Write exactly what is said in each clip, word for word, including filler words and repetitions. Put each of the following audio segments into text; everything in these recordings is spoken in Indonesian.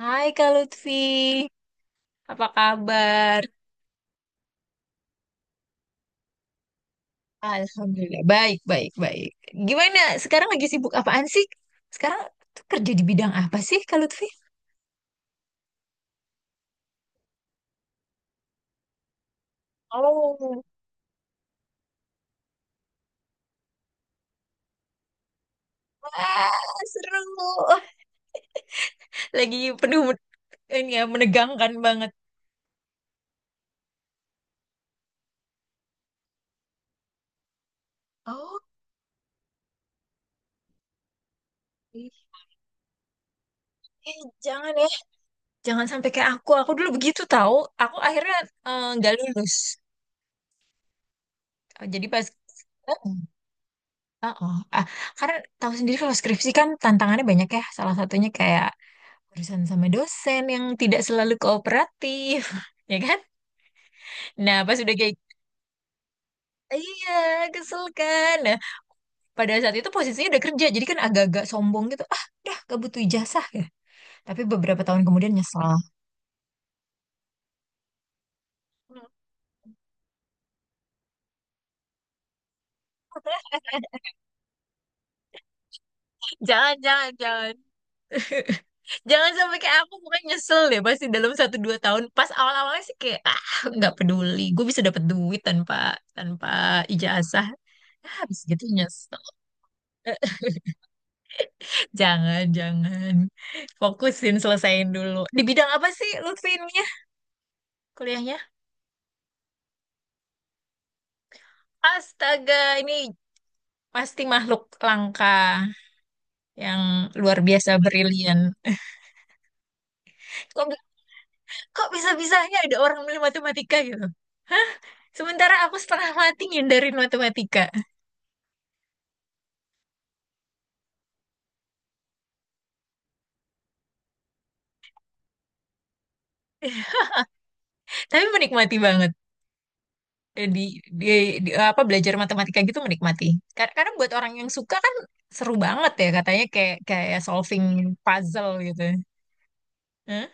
Hai Kak Lutfi, apa kabar? Alhamdulillah, baik, baik, baik. Gimana? Sekarang lagi sibuk apaan sih? Sekarang tuh kerja di bidang apa sih, Kak Lutfi? Oh, wah, seru. Oh, lagi penuh men- ini ya, menegangkan banget. Oh, eh, jangan ya, jangan sampai kayak aku. Aku dulu begitu tahu. Aku akhirnya eh, nggak lulus. Eh, jadi pas heeh. Ah, karena tahu sendiri kalau skripsi kan tantangannya banyak ya. Salah satunya kayak urusan sama dosen yang tidak selalu kooperatif, ya kan? Nah, pas udah kayak iya, kesel kan. Nah, pada saat itu posisinya udah kerja, jadi kan agak-agak sombong gitu. Ah, dah, gak butuh ijazah, ya. Tapi beberapa tahun kemudian nyesel. Jangan, jangan, jangan. Jangan sampai kayak aku, bukan nyesel deh pasti dalam satu dua tahun. Pas awal-awalnya sih kayak ah, nggak peduli. Gue bisa dapet duit tanpa tanpa ijazah. Ah, habis gitu nyesel. Jangan, jangan. Fokusin, selesain dulu. Di bidang apa sih Lutfi ininya kuliahnya? Astaga, ini pasti makhluk langka yang luar biasa brilian. Kok, kok bisa-bisanya ada orang milih matematika gitu? Hah? Sementara aku setengah mati ngindarin matematika. Tapi menikmati banget. Eh, Di, di, di apa belajar matematika gitu menikmati. Kar- Karena buat orang yang suka kan seru banget ya katanya kayak kayak solving puzzle gitu. Hah?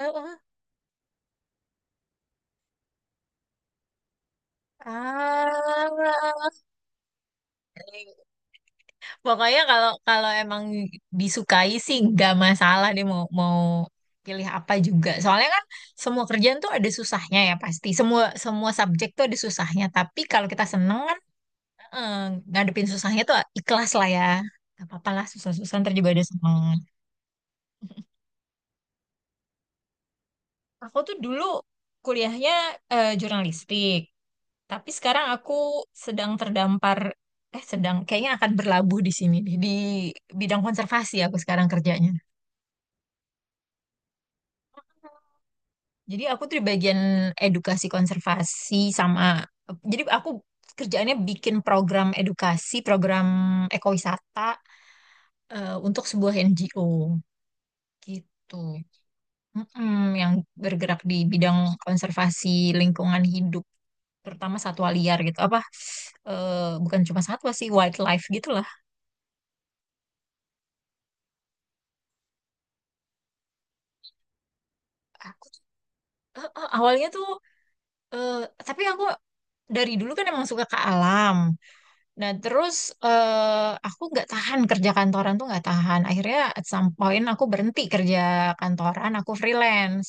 Iya, oh, oh. Ah, pokoknya kalau kalau emang disukai sih nggak masalah deh mau mau pilih apa juga. Soalnya kan semua kerjaan tuh ada susahnya ya pasti. Semua semua subjek tuh ada susahnya. Tapi kalau kita seneng kan eh, ngadepin susahnya tuh ikhlas lah ya. Gak apa-apa lah susah-susah ntar juga ada seneng. Aku tuh dulu kuliahnya eh, jurnalistik. Tapi sekarang aku sedang terdampar, eh sedang kayaknya akan berlabuh di sini deh, di bidang konservasi aku sekarang kerjanya. Jadi aku tuh di bagian edukasi konservasi sama, jadi aku kerjaannya bikin program edukasi, program ekowisata eh, untuk sebuah N G O gitu. Mm-mm, yang bergerak di bidang konservasi lingkungan hidup, terutama satwa liar gitu. Apa, eh, bukan cuma satwa sih, wildlife gitu lah. Eh, eh, awalnya tuh eh, tapi aku dari dulu kan emang suka ke alam. Nah terus eh, aku nggak tahan kerja kantoran tuh nggak tahan. Akhirnya at some point aku berhenti kerja kantoran, aku freelance.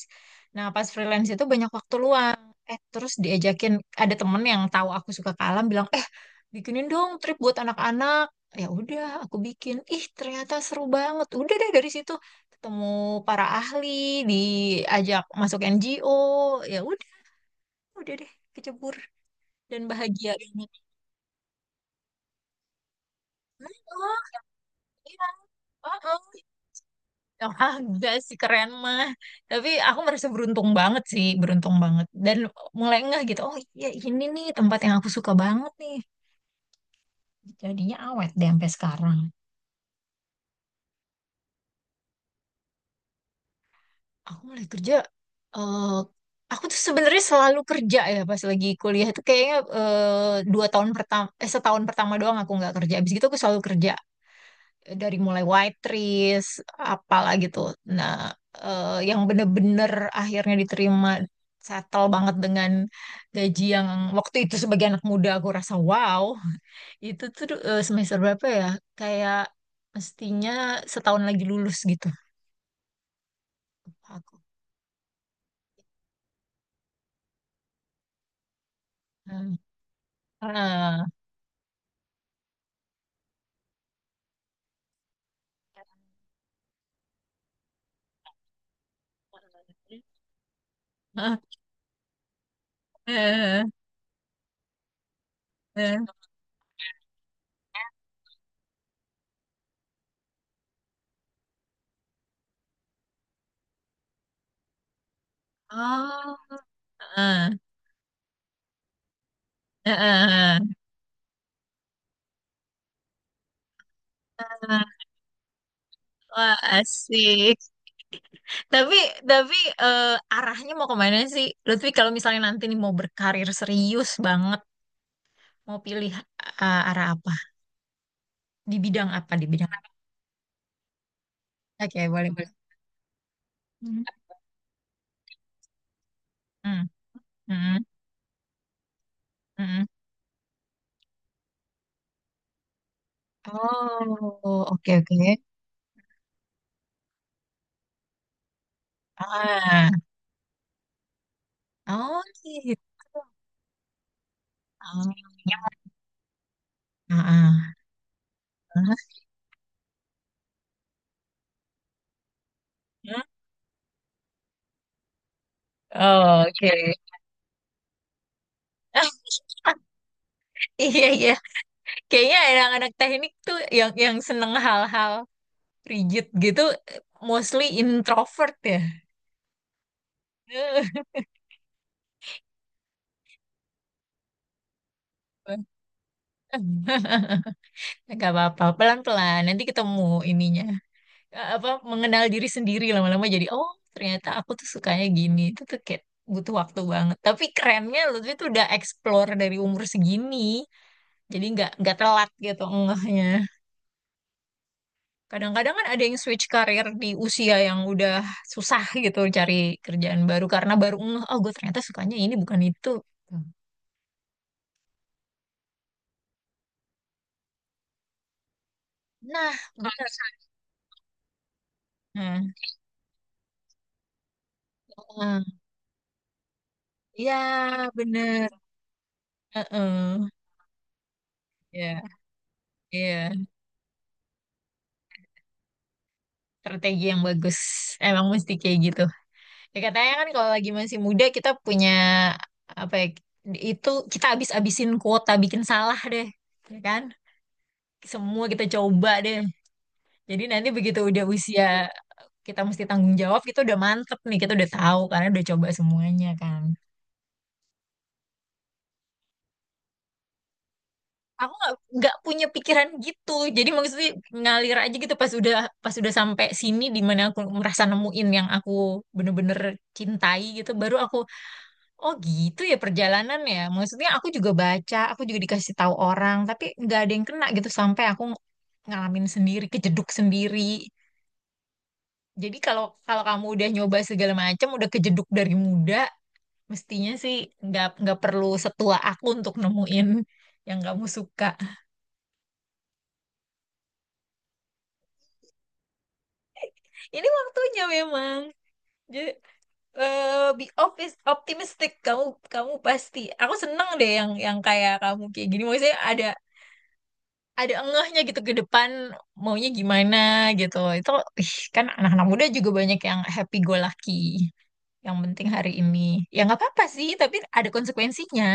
Nah pas freelance itu banyak waktu luang. Eh terus diajakin ada temen yang tahu aku suka ke alam bilang eh bikinin dong trip buat anak-anak. Ya udah aku bikin. Ih ternyata seru banget. Udah deh dari situ ketemu para ahli, diajak masuk N G O, ya udah udah deh kecebur dan bahagia banget. Oh, iya. Oh, oh. Ah, enggak sih keren mah. Tapi aku merasa beruntung banget sih, beruntung banget. Dan mulai ngeh gitu, oh iya ini nih tempat yang aku suka banget nih. Jadinya awet deh sampai sekarang. Aku mulai kerja, eh aku tuh sebenarnya selalu kerja ya pas lagi kuliah itu kayaknya eh, dua tahun pertama, eh setahun pertama doang aku nggak kerja. Abis itu aku selalu kerja. Dari mulai white trees apalah gitu nah eh, yang bener-bener akhirnya diterima settle banget dengan gaji yang waktu itu sebagai anak muda aku rasa wow itu tuh eh, semester berapa ya kayak mestinya setahun lagi lulus gitu aku. Hmm. Ah. Ah. Eh, eh, eh. Oh, ah, ah, ah, ah. Wah, asik. Tapi tapi eh, arahnya mau kemana sih? Lutfi kalau misalnya nanti nih mau berkarir serius banget, mau pilih eh, arah apa? Di bidang apa? Di bidang apa? Oke, boleh boleh. Mhm. Mm, mm, mm. Oh, oke oke. Ah, oh gitu. Ah, ah, ah. Oh, oke. Iya iya, kayaknya anak-anak teknik tuh yang yang seneng hal-hal rigid gitu, mostly introvert ya. Gak apa-apa, pelan-pelan. Nanti ketemu ininya. Eh, apa, mengenal diri sendiri lama-lama jadi, oh ternyata aku tuh sukanya gini. Itu tuh kayak butuh waktu banget. Tapi kerennya Lutfi tuh udah explore dari umur segini. Jadi nggak nggak telat gitu ngehnya. Kadang-kadang kan ada yang switch karir di usia yang udah susah gitu cari kerjaan baru karena baru ngeh, oh gue ternyata sukanya ini bukan itu. Nah, bener. Nah, ah, iya bener. Heeh. Ya. Iya, strategi yang bagus. Emang mesti kayak gitu. Ya katanya kan kalau lagi masih muda kita punya apa ya, itu kita habis-habisin kuota bikin salah deh. Ya kan? Semua kita coba deh. Jadi nanti begitu udah usia kita mesti tanggung jawab, kita udah mantep nih, kita udah tahu karena udah coba semuanya kan. Aku nggak nggak punya pikiran gitu. Jadi maksudnya ngalir aja gitu pas udah pas udah sampai sini di mana aku merasa nemuin yang aku bener-bener cintai gitu, baru aku. Oh gitu ya perjalanan ya. Maksudnya aku juga baca, aku juga dikasih tahu orang, tapi nggak ada yang kena gitu sampai aku ngalamin sendiri, kejeduk sendiri. Jadi kalau kalau kamu udah nyoba segala macam, udah kejeduk dari muda, mestinya sih nggak nggak perlu setua aku untuk nemuin yang kamu suka. Ini waktunya memang. Jadi, eh, be opis- optimistic kamu kamu pasti. Aku seneng deh yang yang kayak kamu kayak gini. Maksudnya ada ada engehnya gitu ke depan maunya gimana gitu. Itu ih, kan anak-anak muda juga banyak yang happy go lucky. Yang penting hari ini. Ya nggak apa-apa sih, tapi ada konsekuensinya.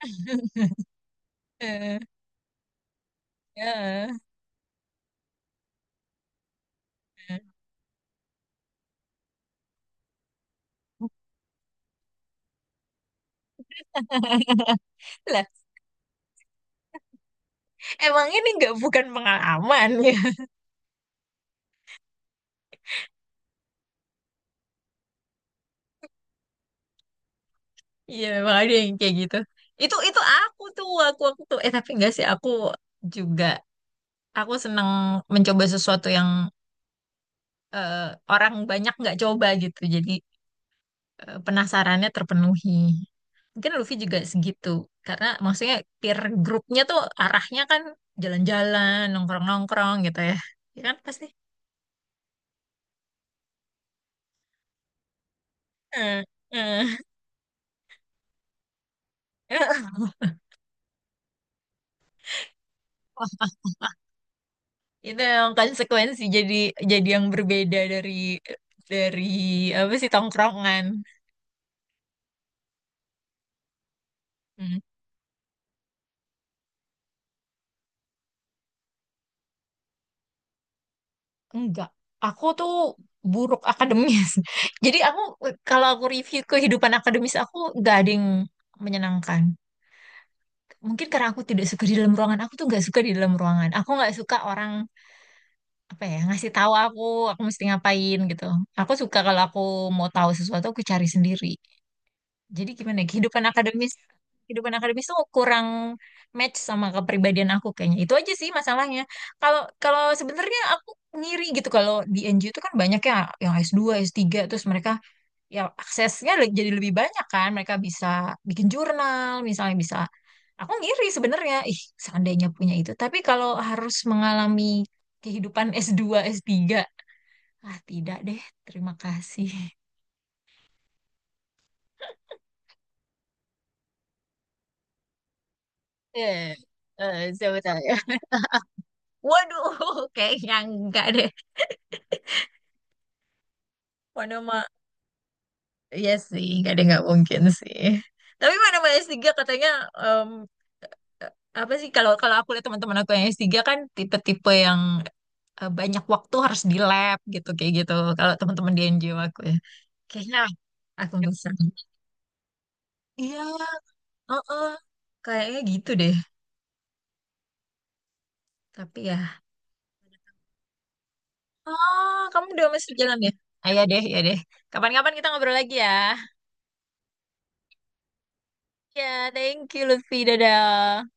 Eh, eh, eh. Lah, emang ini nggak bukan pengalaman ya. Iya, emang ada yang kayak gitu. Itu itu aku tuh, aku aku tuh eh tapi enggak sih, aku juga aku seneng mencoba sesuatu yang eh, orang banyak nggak coba gitu. Jadi eh, penasarannya terpenuhi. Mungkin Luffy juga segitu. Karena maksudnya peer grupnya tuh arahnya kan jalan-jalan, nongkrong-nongkrong gitu ya. Ya kan pasti. Eh, eh, itu yang konsekuensi jadi jadi yang berbeda dari dari apa sih tongkrongan. Hmm. Enggak. Aku tuh buruk akademis. Jadi aku kalau aku review kehidupan akademis aku nggak ada yang menyenangkan. Mungkin karena aku tidak suka di dalam ruangan aku tuh nggak suka di dalam ruangan aku nggak suka orang apa ya ngasih tahu aku aku mesti ngapain gitu aku suka kalau aku mau tahu sesuatu aku cari sendiri jadi gimana ya, kehidupan akademis kehidupan akademis tuh kurang match sama kepribadian aku kayaknya itu aja sih masalahnya kalau kalau sebenarnya aku ngiri gitu kalau di N NGO itu kan banyak ya yang s dua s tiga terus mereka ya aksesnya le- jadi lebih banyak kan mereka bisa bikin jurnal misalnya bisa aku ngiri sebenarnya ih seandainya punya itu tapi kalau harus mengalami kehidupan s dua s tiga ah tidak deh terima kasih. Eh, eh, Siapa tahu ya. Waduh, kayaknya enggak deh. Mana mah, iya sih, enggak deh, enggak mungkin sih. Tapi mana mah s tiga katanya, em, apa sih, kalau kalau aku lihat teman-teman aku yang s tiga kan tipe-tipe yang eh, banyak waktu harus di lab gitu kayak gitu kalau teman-teman di N G O aku ya kayaknya aku bisa iya heeh. Kayaknya gitu deh tapi ya oh kamu udah masuk jalan ya ayo deh ya deh kapan-kapan kita ngobrol lagi ya ya thank you Lutfi dadah